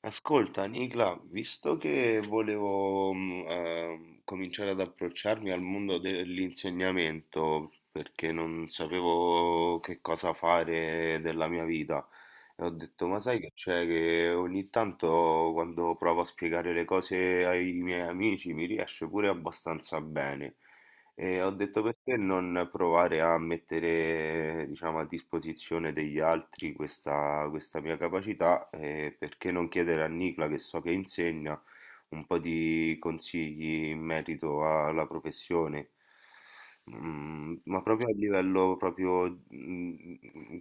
Ascolta, Nicla, visto che volevo cominciare ad approcciarmi al mondo dell'insegnamento, perché non sapevo che cosa fare della mia vita, e ho detto, ma sai che c'è che ogni tanto quando provo a spiegare le cose ai miei amici mi riesce pure abbastanza bene. E ho detto perché non provare a mettere, diciamo, a disposizione degli altri questa mia capacità e perché non chiedere a Nicla, che so che insegna, un po' di consigli in merito alla professione. Ma proprio a livello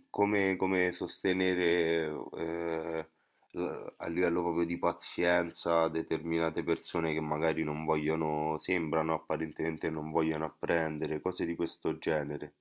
come, come sostenere a livello proprio di pazienza, determinate persone che magari non vogliono, sembrano apparentemente non vogliono apprendere, cose di questo genere.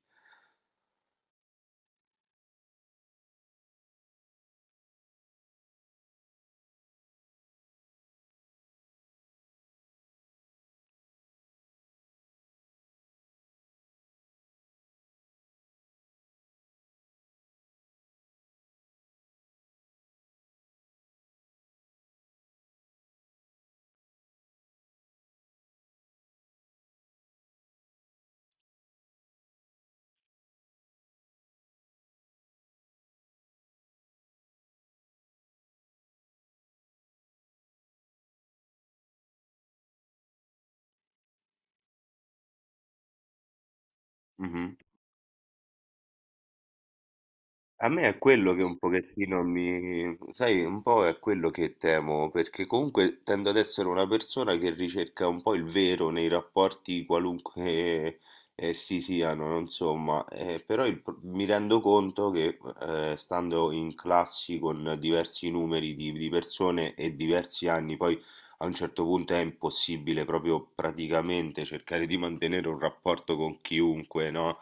Mhm. A me è quello che un pochettino mi... sai, un po' è quello che temo, perché comunque tendo ad essere una persona che ricerca un po' il vero nei rapporti qualunque essi siano, no? Insomma, però mi rendo conto che stando in classi con diversi numeri di persone e diversi anni, poi a un certo punto è impossibile proprio praticamente cercare di mantenere un rapporto con chiunque, no?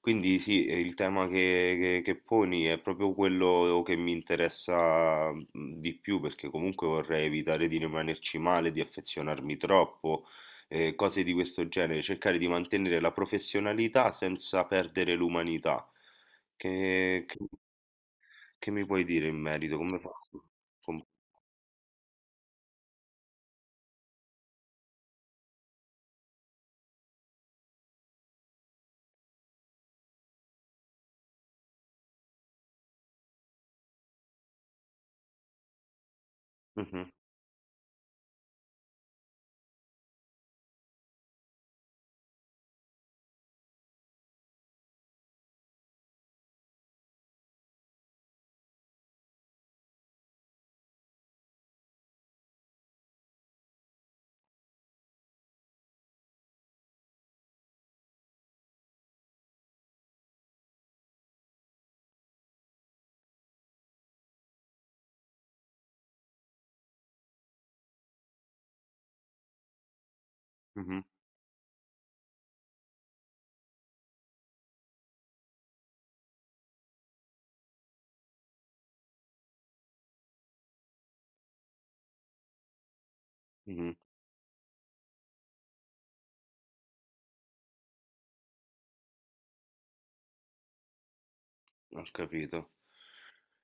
Quindi sì, il tema che poni è proprio quello che mi interessa di più, perché comunque vorrei evitare di rimanerci male, di affezionarmi troppo, cose di questo genere, cercare di mantenere la professionalità senza perdere l'umanità. Che, che- che mi puoi dire in merito? Come faccio? Com- Mhm, mhm, mhm, ho capito.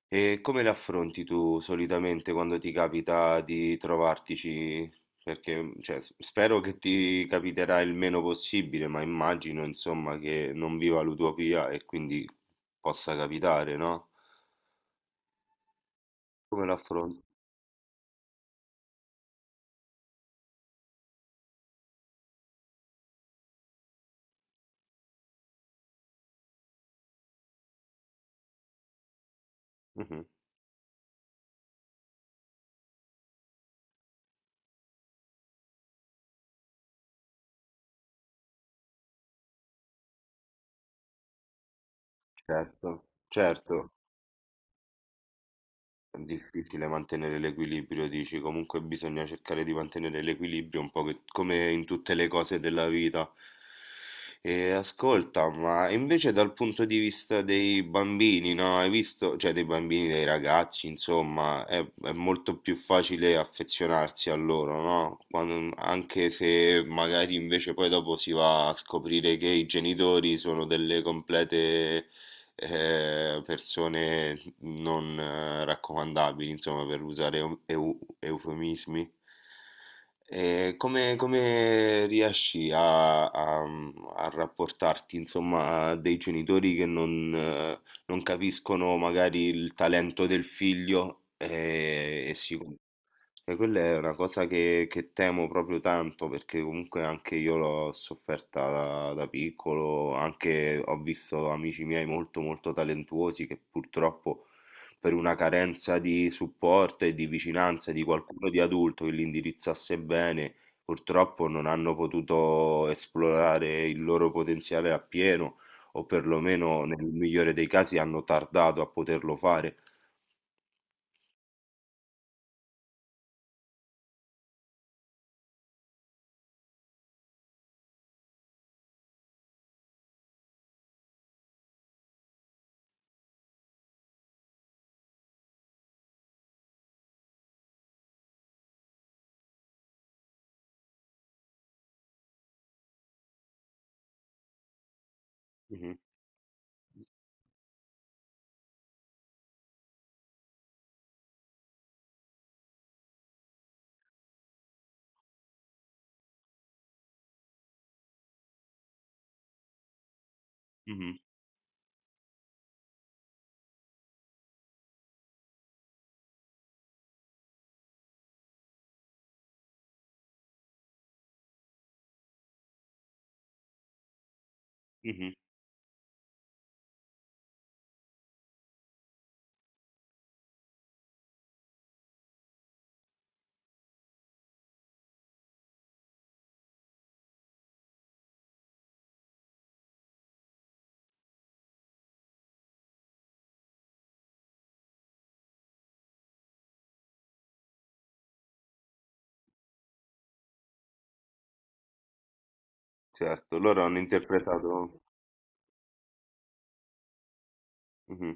E come le affronti tu solitamente quando ti capita di trovartici? Perché, cioè, spero che ti capiterà il meno possibile, ma immagino, insomma, che non viva l'utopia e quindi possa capitare, no? Come l'affronti? Mhm. Certo, certo. È difficile mantenere l'equilibrio, dici, comunque bisogna cercare di mantenere l'equilibrio un po' come in tutte le cose della vita. E ascolta, ma invece dal punto di vista dei bambini, no? Hai visto? Cioè dei bambini, dei ragazzi, insomma, è molto più facile affezionarsi a loro, no? Anche se magari invece poi dopo si va a scoprire che i genitori sono delle complete persone non raccomandabili, insomma, per usare eufemismi. E come, come riesci a, a rapportarti, insomma, a dei genitori che non, non capiscono magari il talento del figlio e si... E quella è una cosa che temo proprio tanto perché comunque anche io l'ho sofferta da, da piccolo, anche ho visto amici miei molto molto talentuosi che purtroppo per una carenza di supporto e di vicinanza di qualcuno di adulto che li indirizzasse bene, purtroppo non hanno potuto esplorare il loro potenziale appieno, o perlomeno nel migliore dei casi hanno tardato a poterlo fare. Mh-mh, mh-mh, mh-mh, certo, loro hanno interpretato mh-mh,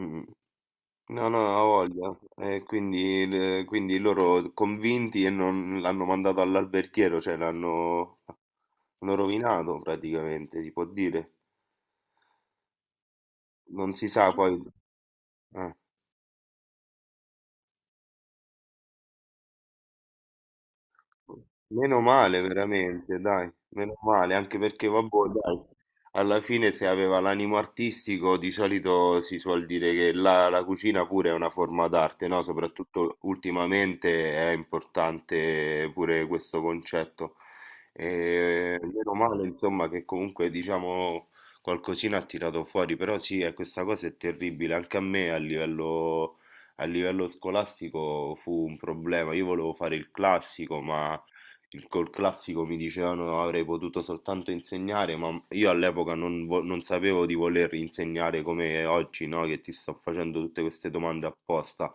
mh-mh. No, no, ha voglia. E quindi, quindi loro convinti e non l'hanno mandato all'alberghiero, cioè l'hanno l'hanno rovinato praticamente, si può dire. Non si sa poi. Eh. Meno male veramente, dai, meno male, anche perché vabbè, dai, alla fine se aveva l'animo artistico di solito si suol dire che la cucina pure è una forma d'arte, no? Soprattutto ultimamente è importante pure questo concetto. E meno male, insomma, che comunque diciamo qualcosina ha tirato fuori, però sì, questa cosa è terribile, anche a me a livello... A livello scolastico fu un problema, io volevo fare il classico, ma col classico mi dicevano avrei potuto soltanto insegnare, ma io all'epoca non, non sapevo di voler insegnare come oggi, no? Che ti sto facendo tutte queste domande apposta.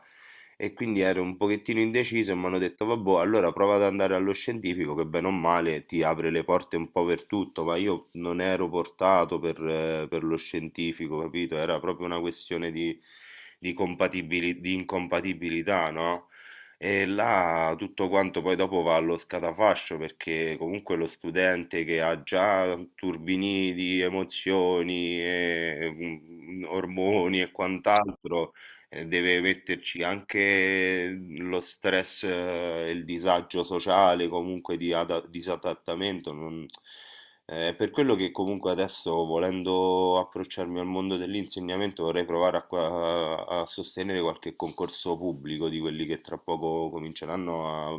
E quindi ero un pochettino indeciso e mi hanno detto, vabbè, allora prova ad andare allo scientifico che bene o male ti apre le porte un po' per tutto, ma io non ero portato per lo scientifico, capito? Era proprio una questione di, di incompatibilità, no? E là tutto quanto poi dopo va allo scatafascio perché comunque lo studente che ha già turbini di emozioni, e ormoni e quant'altro, deve metterci anche lo stress e il disagio sociale, comunque di disadattamento. Eh, per quello che comunque adesso, volendo approcciarmi al mondo dell'insegnamento, vorrei provare a, a sostenere qualche concorso pubblico di quelli che tra poco cominceranno a,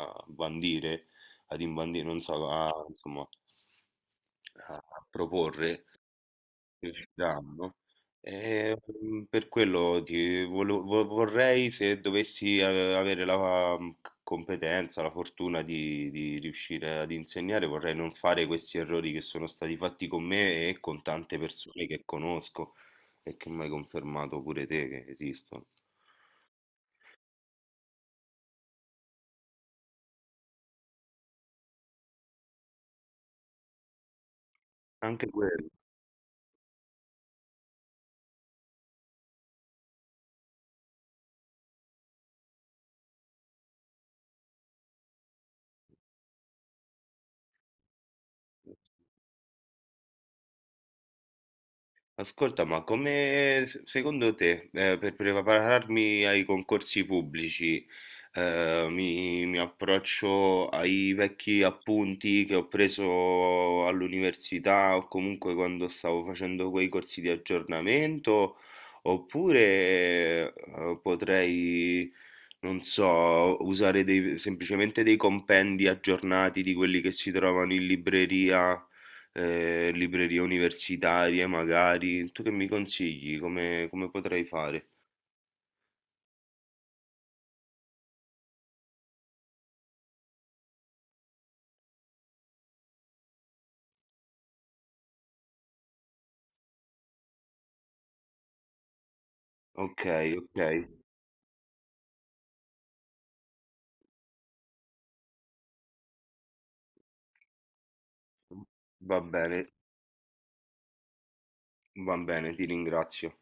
a bandire, ad imbandire, non so, a, insomma, a proporre. Il danno. Eh, mm, per quello ti vorrei se dovessi avere la competenza, la fortuna di riuscire ad insegnare, vorrei non fare questi errori che sono stati fatti con me e con tante persone che conosco e che mi hai confermato pure te che esistono. Anche quello. Ascolta, ma come secondo te, per prepararmi ai concorsi pubblici, mi, mi approccio ai vecchi appunti che ho preso all'università o comunque quando stavo facendo quei corsi di aggiornamento, oppure, potrei, non so, usare semplicemente dei compendi aggiornati di quelli che si trovano in libreria? Eh, librerie universitarie magari. Tu che mi consigli? Come, come potrei fare? Ok, ok. Va bene, va bene, ti ringrazio.